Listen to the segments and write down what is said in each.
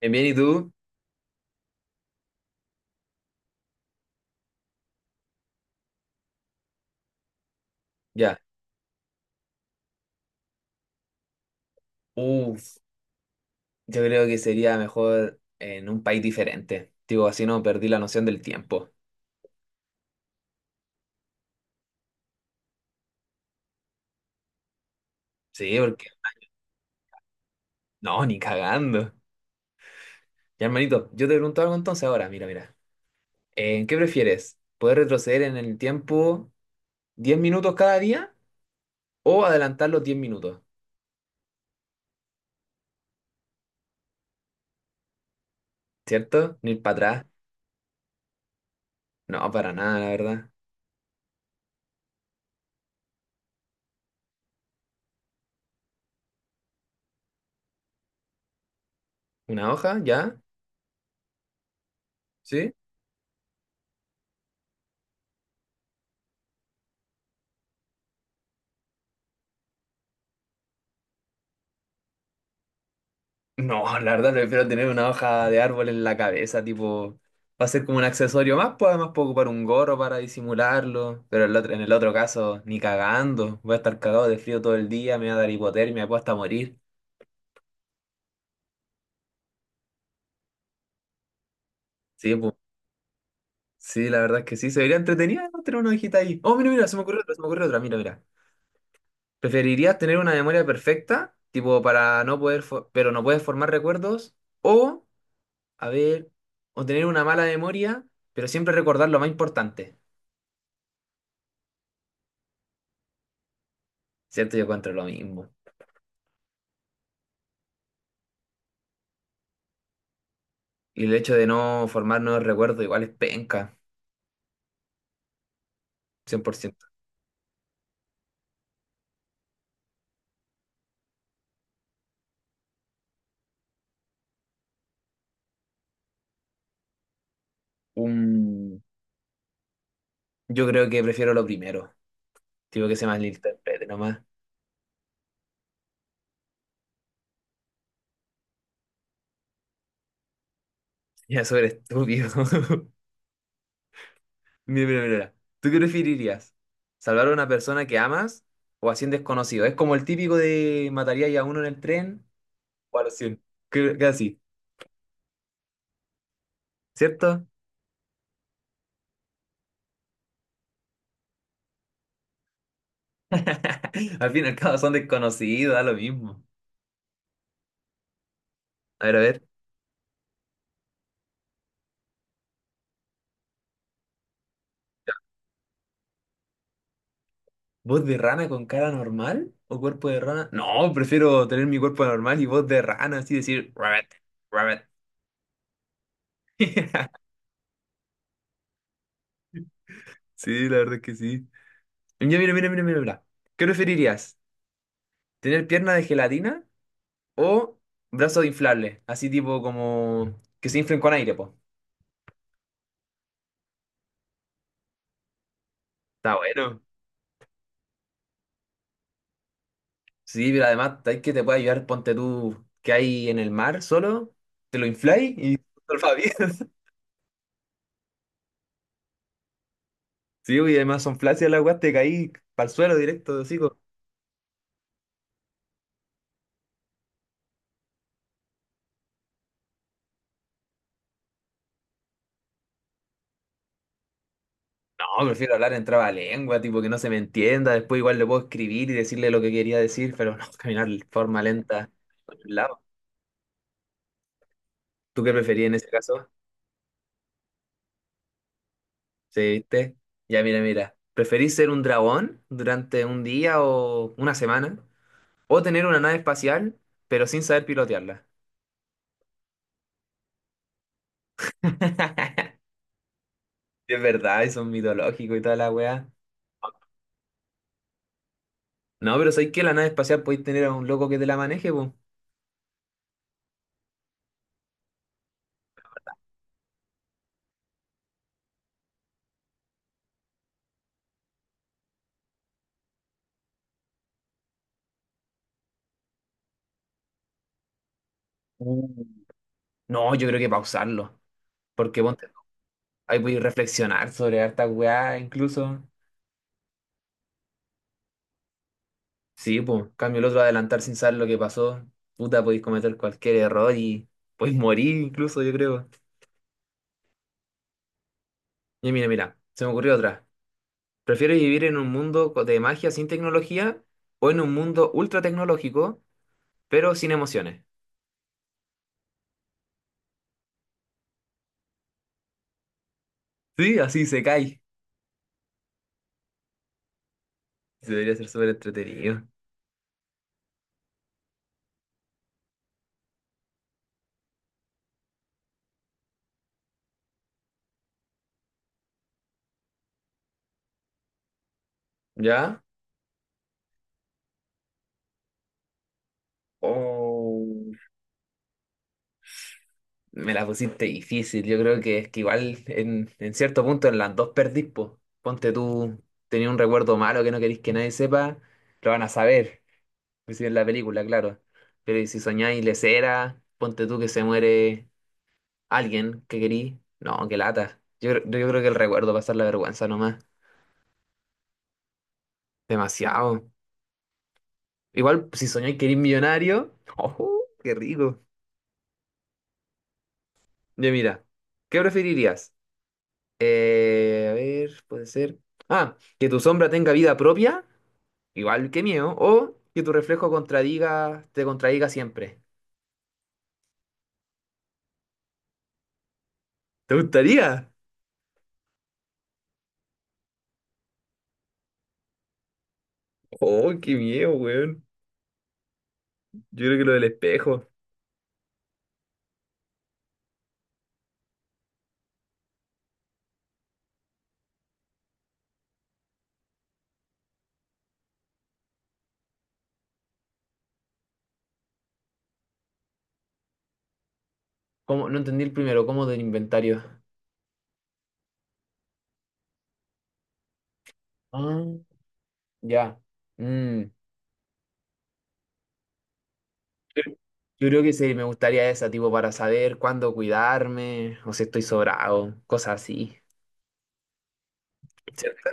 Bien, bien, ¿y tú? Ya. Uf, yo creo que sería mejor en un país diferente. Digo, así no perdí la noción del tiempo. Sí, porque. No, ni cagando. Ya, hermanito, yo te pregunto algo entonces ahora. Mira, mira. ¿Qué prefieres? ¿Poder retroceder en el tiempo 10 minutos cada día o adelantar los 10 minutos? ¿Cierto? Ni ir para atrás. No, para nada, la verdad. ¿Una hoja? ¿Ya? ¿Sí? No, la verdad prefiero tener una hoja de árbol en la cabeza, tipo, va a ser como un accesorio más, pues además puedo ocupar un gorro para disimularlo, pero el otro, en el otro caso, ni cagando, voy a estar cagado de frío todo el día, me va a dar hipotermia, me puedo hasta morir. Sí, pues, sí, la verdad es que sí, se vería entretenido, ¿no? Tener una hojita ahí. Oh, mira, mira, se me ocurrió otra, se me ocurrió otra, mira, mira. ¿Preferirías tener una memoria perfecta, tipo, para no poder, pero no puedes formar recuerdos? O, a ver, o tener una mala memoria, pero siempre recordar lo más importante. Siento yo encuentro lo mismo. Y el hecho de no formar nuevos recuerdos igual es penca, 100%. Un... Yo creo que prefiero lo primero. Tipo que se malinterprete nomás. Ya sobre estúpido. Mira, mira, mira, mira. ¿Tú qué preferirías? ¿Salvar a una persona que amas o a 100 desconocidos? Es como el típico de mataría ya a uno en el tren o a los 100. Casi, ¿cierto? Al fin y al cabo son desconocidos, da lo mismo. A ver, a ver. ¿Voz de rana con cara normal o cuerpo de rana? No, prefiero tener mi cuerpo normal y voz de rana, así decir, rabbit, rabbit. Sí, la verdad es que sí. Mira, mira, mira, mira, mira, mira. ¿Qué preferirías? ¿Tener pierna de gelatina o brazos inflables? Así tipo como que se inflen con aire, pues. Está bueno. Sí, pero además hay que te puede ayudar, ponte tú que hay en el mar solo, te lo infláis y todo el sí, y además son flácidas las weas, te caí para el suelo directo, así. No, prefiero hablar en trabalengua, tipo que no se me entienda. Después igual le puedo escribir y decirle lo que quería decir, pero no, caminar de forma lenta por un lado. ¿Tú qué preferís en ese caso? ¿Sí, viste? Ya, mira, mira. ¿Preferís ser un dragón durante un día o una semana? ¿O tener una nave espacial, pero sin saber pilotearla? Es verdad, eso es mitológico y toda la weá. No, pero ¿sabéis que la nave espacial podéis tener a un loco que te la maneje, po? Mm. No, yo creo que pausarlo. Porque ponte. Ahí voy a reflexionar sobre harta weá, incluso. Sí, pues, cambio el otro adelantar sin saber lo que pasó. Puta, podéis cometer cualquier error y podéis morir incluso, yo creo. Y mira, mira, se me ocurrió otra. ¿Prefieres vivir en un mundo de magia sin tecnología o en un mundo ultra tecnológico, pero sin emociones? Sí, así se cae. Debería ser súper entretenido. ¿Ya? Oh. Me la pusiste difícil. Yo creo que es que igual en cierto punto en las dos perdís, po. Ponte tú, tenía un recuerdo malo que no querís que nadie sepa, lo van a saber. Si en la película, claro. Pero ¿y si soñáis lesera, ponte tú que se muere alguien que querís? No, qué lata. Yo creo que el recuerdo va a ser la vergüenza nomás. Demasiado. Igual si soñáis querís millonario. ¡Oh, qué rico! Yo mira, ¿qué preferirías? A ver, puede ser. Ah, que tu sombra tenga vida propia, igual que mío, o que tu reflejo te contradiga siempre. ¿Te gustaría? Oh, qué miedo, weón. Yo creo que lo del espejo. ¿Cómo? No entendí el primero, ¿cómo del inventario? Ah, ya. Mm. Yo creo que sí, me gustaría esa, tipo, para saber cuándo cuidarme, o si estoy sobrado, cosas así. ¿Cierto?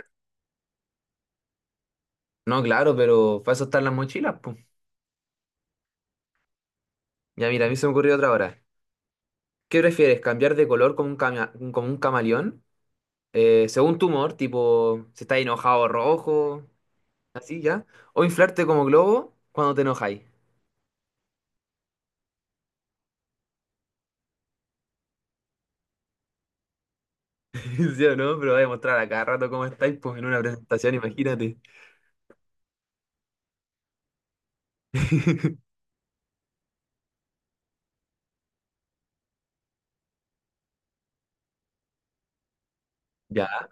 No, claro, pero para eso están las mochilas, pues. Ya, mira, a mí se me ocurrió otra hora. ¿Qué prefieres? ¿Cambiar de color como un camaleón? Según tu humor, tipo, si estás enojado, rojo, así ya. O inflarte como globo cuando te enojáis. ¿Sí o no? Pero voy a mostrar a cada rato cómo estáis pues, en una presentación, imagínate. Ya,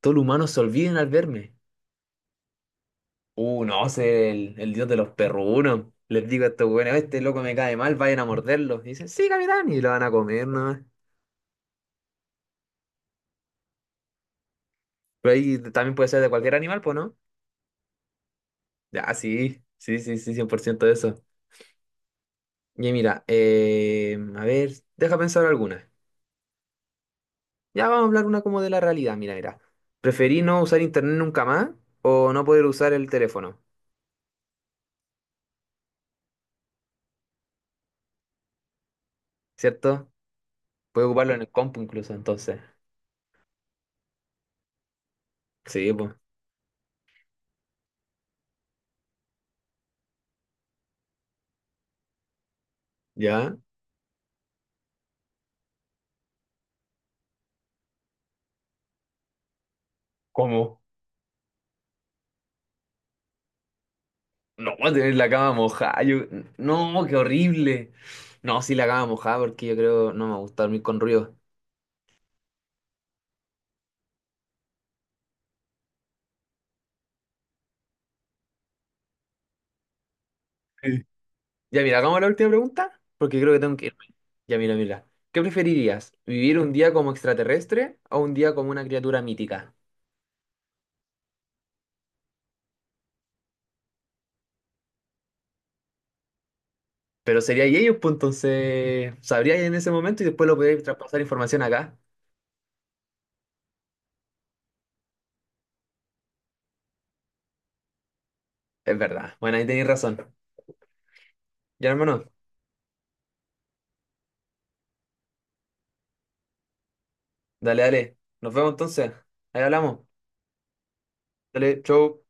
todos los humanos se olviden al verme. No, sé el, dios de los perrunos. Les digo a estos güeyes, este loco me cae mal, vayan a morderlo. Y dicen, sí, capitán, y lo van a comer nomás. Pero ahí también puede ser de cualquier animal, pues, ¿no? Ya, sí, sí, sí, sí, 100% de eso. Y mira, a ver, deja pensar alguna. Ya vamos a hablar una como de la realidad, mira, mira. ¿Preferí no usar internet nunca más o no poder usar el teléfono? ¿Cierto? Puedo ocuparlo en el compu incluso, entonces. Sí, pues. ¿Ya? ¿Cómo? No, voy a tener la cama mojada. No, qué horrible. No, sí, la cama mojada porque yo creo no me gusta dormir con ruido. Sí. Ya, mira, hagamos la última pregunta, porque creo que tengo que irme. Ya, mira, mira. ¿Qué preferirías? ¿Vivir un día como extraterrestre o un día como una criatura mítica? Pero sería y ellos, pues entonces sabrías en ese momento y después lo podrías traspasar información acá. Es verdad. Bueno, ahí tenéis razón. Ya, hermano, dale, dale. Nos vemos entonces. Ahí hablamos. Dale, chau.